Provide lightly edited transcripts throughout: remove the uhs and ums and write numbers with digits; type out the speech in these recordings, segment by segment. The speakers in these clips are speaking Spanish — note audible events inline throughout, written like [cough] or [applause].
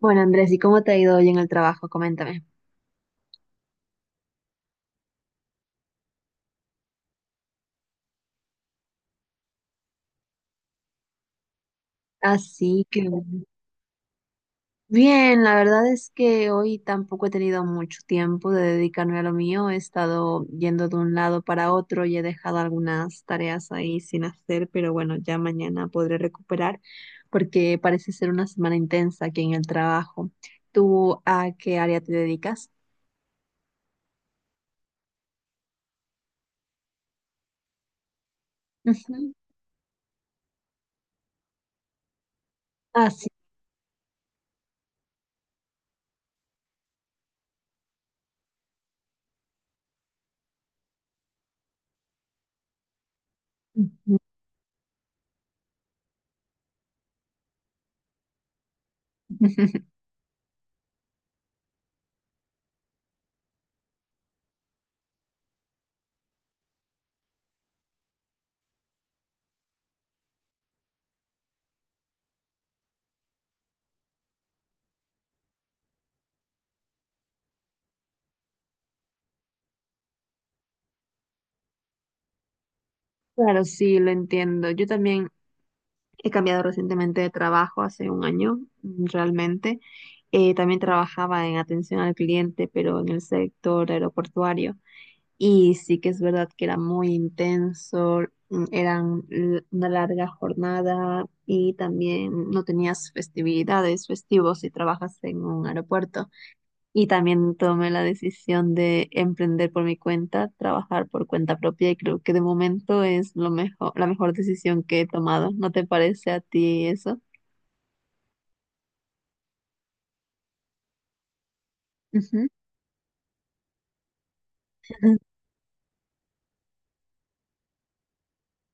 Bueno, Andrés, ¿y cómo te ha ido hoy en el trabajo? Coméntame. Así que bueno. Bien, la verdad es que hoy tampoco he tenido mucho tiempo de dedicarme a lo mío. He estado yendo de un lado para otro y he dejado algunas tareas ahí sin hacer, pero bueno, ya mañana podré recuperar porque parece ser una semana intensa aquí en el trabajo. ¿Tú a qué área te dedicas? Ujú. Ah, sí. [laughs] Ujú. Claro, sí, lo entiendo. Yo también he cambiado recientemente de trabajo hace 1 año, realmente. También trabajaba en atención al cliente, pero en el sector aeroportuario. Y sí que es verdad que era muy intenso, una larga jornada y también no tenías festividades, festivos si trabajas en un aeropuerto. Y también tomé la decisión de emprender por mi cuenta, trabajar por cuenta propia y creo que de momento es lo mejor, la mejor decisión que he tomado. ¿No te parece a ti eso? Ujú.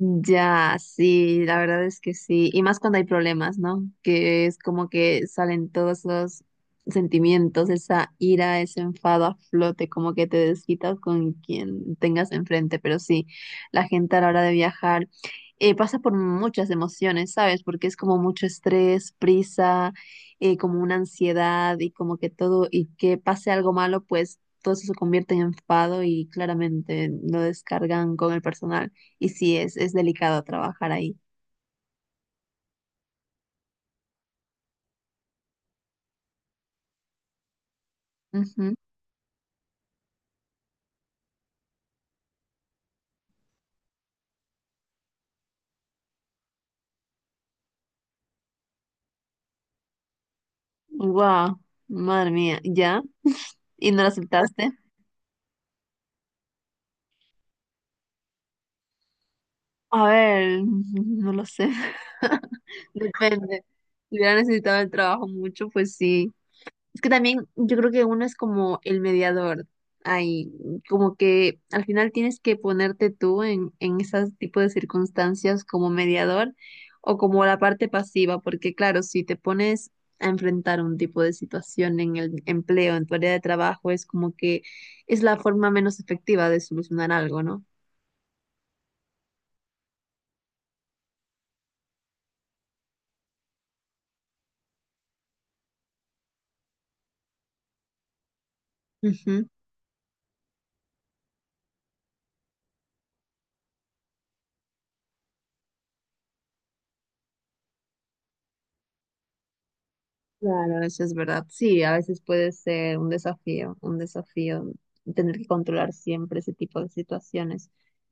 Ya, sí, la verdad es que sí. Y más cuando hay problemas, ¿no? Que es como que salen todos los sentimientos, esa ira, ese enfado a flote, como que te desquitas con quien tengas enfrente. Pero sí, la gente a la hora de viajar pasa por muchas emociones, ¿sabes? Porque es como mucho estrés, prisa, como una ansiedad y como que todo, y que pase algo malo, pues todo eso se convierte en enfado y claramente lo descargan con el personal. Y sí, es delicado trabajar ahí. Wow, madre mía, ¿ya? ¿Y no lo aceptaste? A ver, no lo sé. [laughs] Depende. Si hubiera necesitado el trabajo mucho, pues sí. Es que también yo creo que uno es como el mediador ahí, como que al final tienes que ponerte tú en esas tipo de circunstancias como mediador o como la parte pasiva, porque claro, si te pones a enfrentar un tipo de situación en el empleo, en tu área de trabajo, es como que es la forma menos efectiva de solucionar algo, ¿no? Ujú. Claro, eso es verdad. Sí, a veces puede ser un desafío tener que controlar siempre ese tipo de situaciones.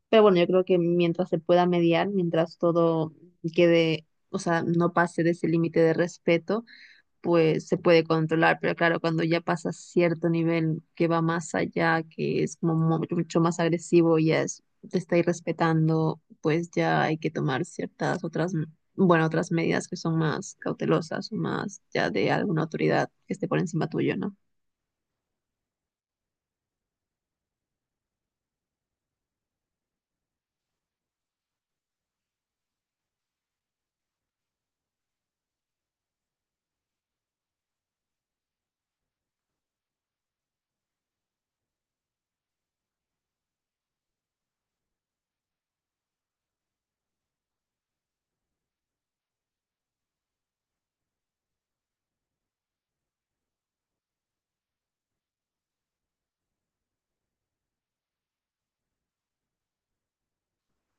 Pero bueno, yo creo que mientras se pueda mediar, mientras todo quede, o sea, no pase de ese límite de respeto, pues se puede controlar, pero claro, cuando ya pasa cierto nivel que va más allá, que es como mucho más agresivo, ya es, te está irrespetando, pues ya hay que tomar ciertas otras, bueno, otras medidas que son más cautelosas o más ya de alguna autoridad que esté por encima tuyo, ¿no?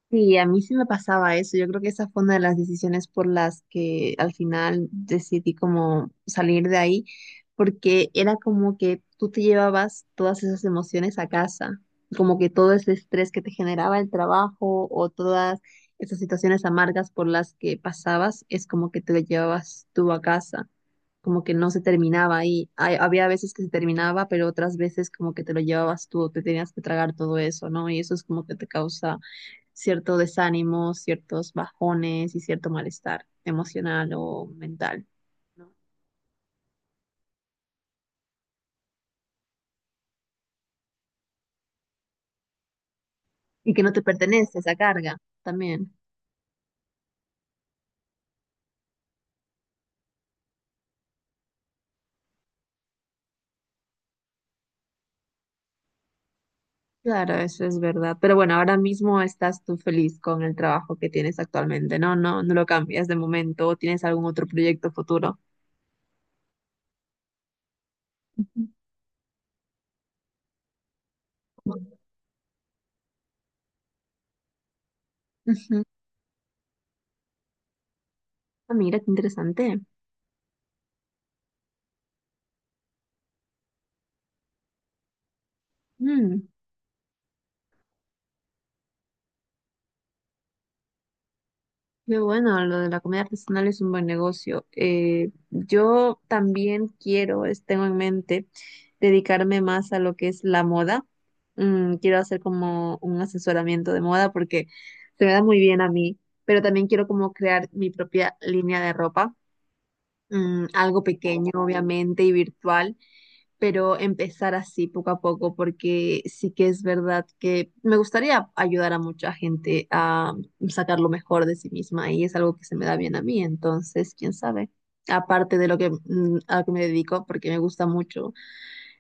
Sí, a mí sí me pasaba eso. Yo creo que esa fue una de las decisiones por las que al final decidí como salir de ahí, porque era como que tú te llevabas todas esas emociones a casa, como que todo ese estrés que te generaba el trabajo o todas esas situaciones amargas por las que pasabas, es como que te lo llevabas tú a casa, como que no se terminaba ahí. Había veces que se terminaba, pero otras veces como que te lo llevabas tú, te tenías que tragar todo eso, ¿no? Y eso es como que te causa cierto desánimo, ciertos bajones y cierto malestar emocional o mental, ¿no? Y que no te pertenece esa carga también. Claro, eso es verdad. Pero bueno, ahora mismo estás tú feliz con el trabajo que tienes actualmente, ¿no? No, no lo cambias de momento o tienes algún otro proyecto futuro. Ujú. Ah, mira, qué interesante. Mm. Qué bueno, lo de la comida artesanal es un buen negocio. Yo también quiero, tengo en mente, dedicarme más a lo que es la moda. Quiero hacer como un asesoramiento de moda porque se me da muy bien a mí, pero también quiero como crear mi propia línea de ropa, algo pequeño, obviamente, y virtual, pero empezar así poco a poco, porque sí que es verdad que me gustaría ayudar a mucha gente a sacar lo mejor de sí misma y es algo que se me da bien a mí, entonces, quién sabe. Aparte de lo que, a lo que me dedico, porque me gusta mucho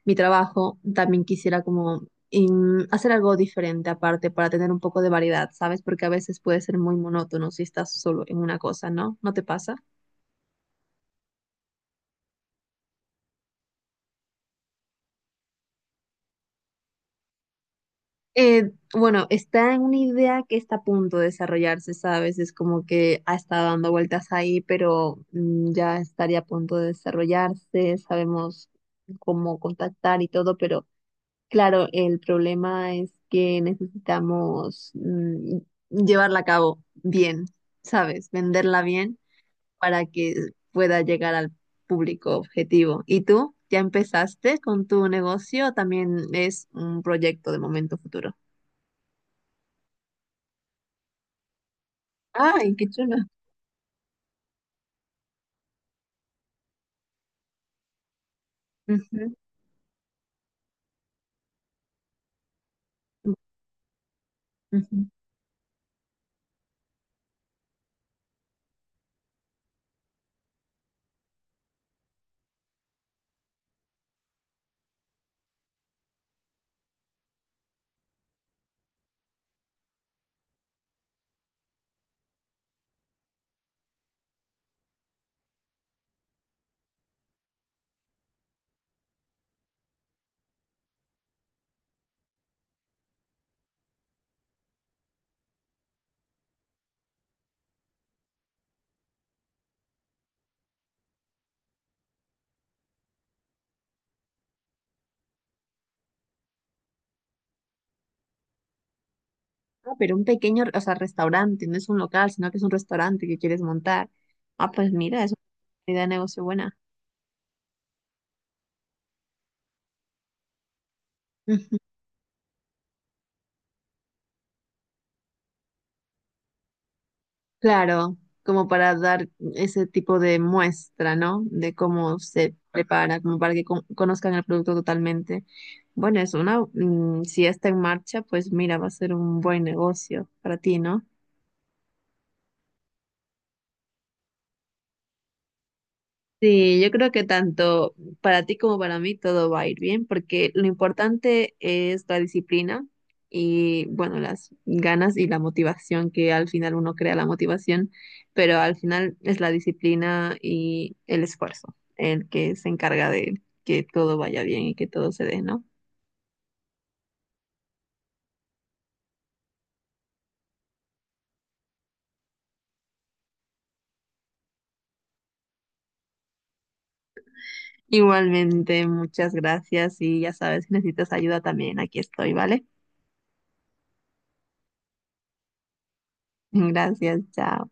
mi trabajo, también quisiera como hacer algo diferente aparte para tener un poco de variedad, ¿sabes? Porque a veces puede ser muy monótono si estás solo en una cosa, ¿no? ¿No te pasa? Bueno, está en una idea que está a punto de desarrollarse, ¿sabes? Es como que ha estado dando vueltas ahí, pero ya estaría a punto de desarrollarse, sabemos cómo contactar y todo, pero claro, el problema es que necesitamos llevarla a cabo bien, ¿sabes? Venderla bien para que pueda llegar al público objetivo. ¿Y tú? ¿Ya empezaste con tu negocio o también es un proyecto de momento futuro? Ay, qué chulo. Ujú, ujú. Ah, pero un pequeño, o sea, restaurante, no es un local, sino que es un restaurante que quieres montar. Ah, pues mira, es una idea de negocio buena. Ujú. Claro, como para dar ese tipo de muestra, ¿no? De cómo se prepara, como para que conozcan el producto totalmente. Bueno, es una, si ya está en marcha, pues mira, va a ser un buen negocio para ti, ¿no? Sí, yo creo que tanto para ti como para mí todo va a ir bien, porque lo importante es la disciplina y, bueno, las ganas y la motivación, que al final uno crea la motivación, pero al final es la disciplina y el esfuerzo el que se encarga de que todo vaya bien y que todo se dé, ¿no? Igualmente, muchas gracias y ya sabes, si necesitas ayuda también, aquí estoy, ¿vale? [laughs] Gracias, chao.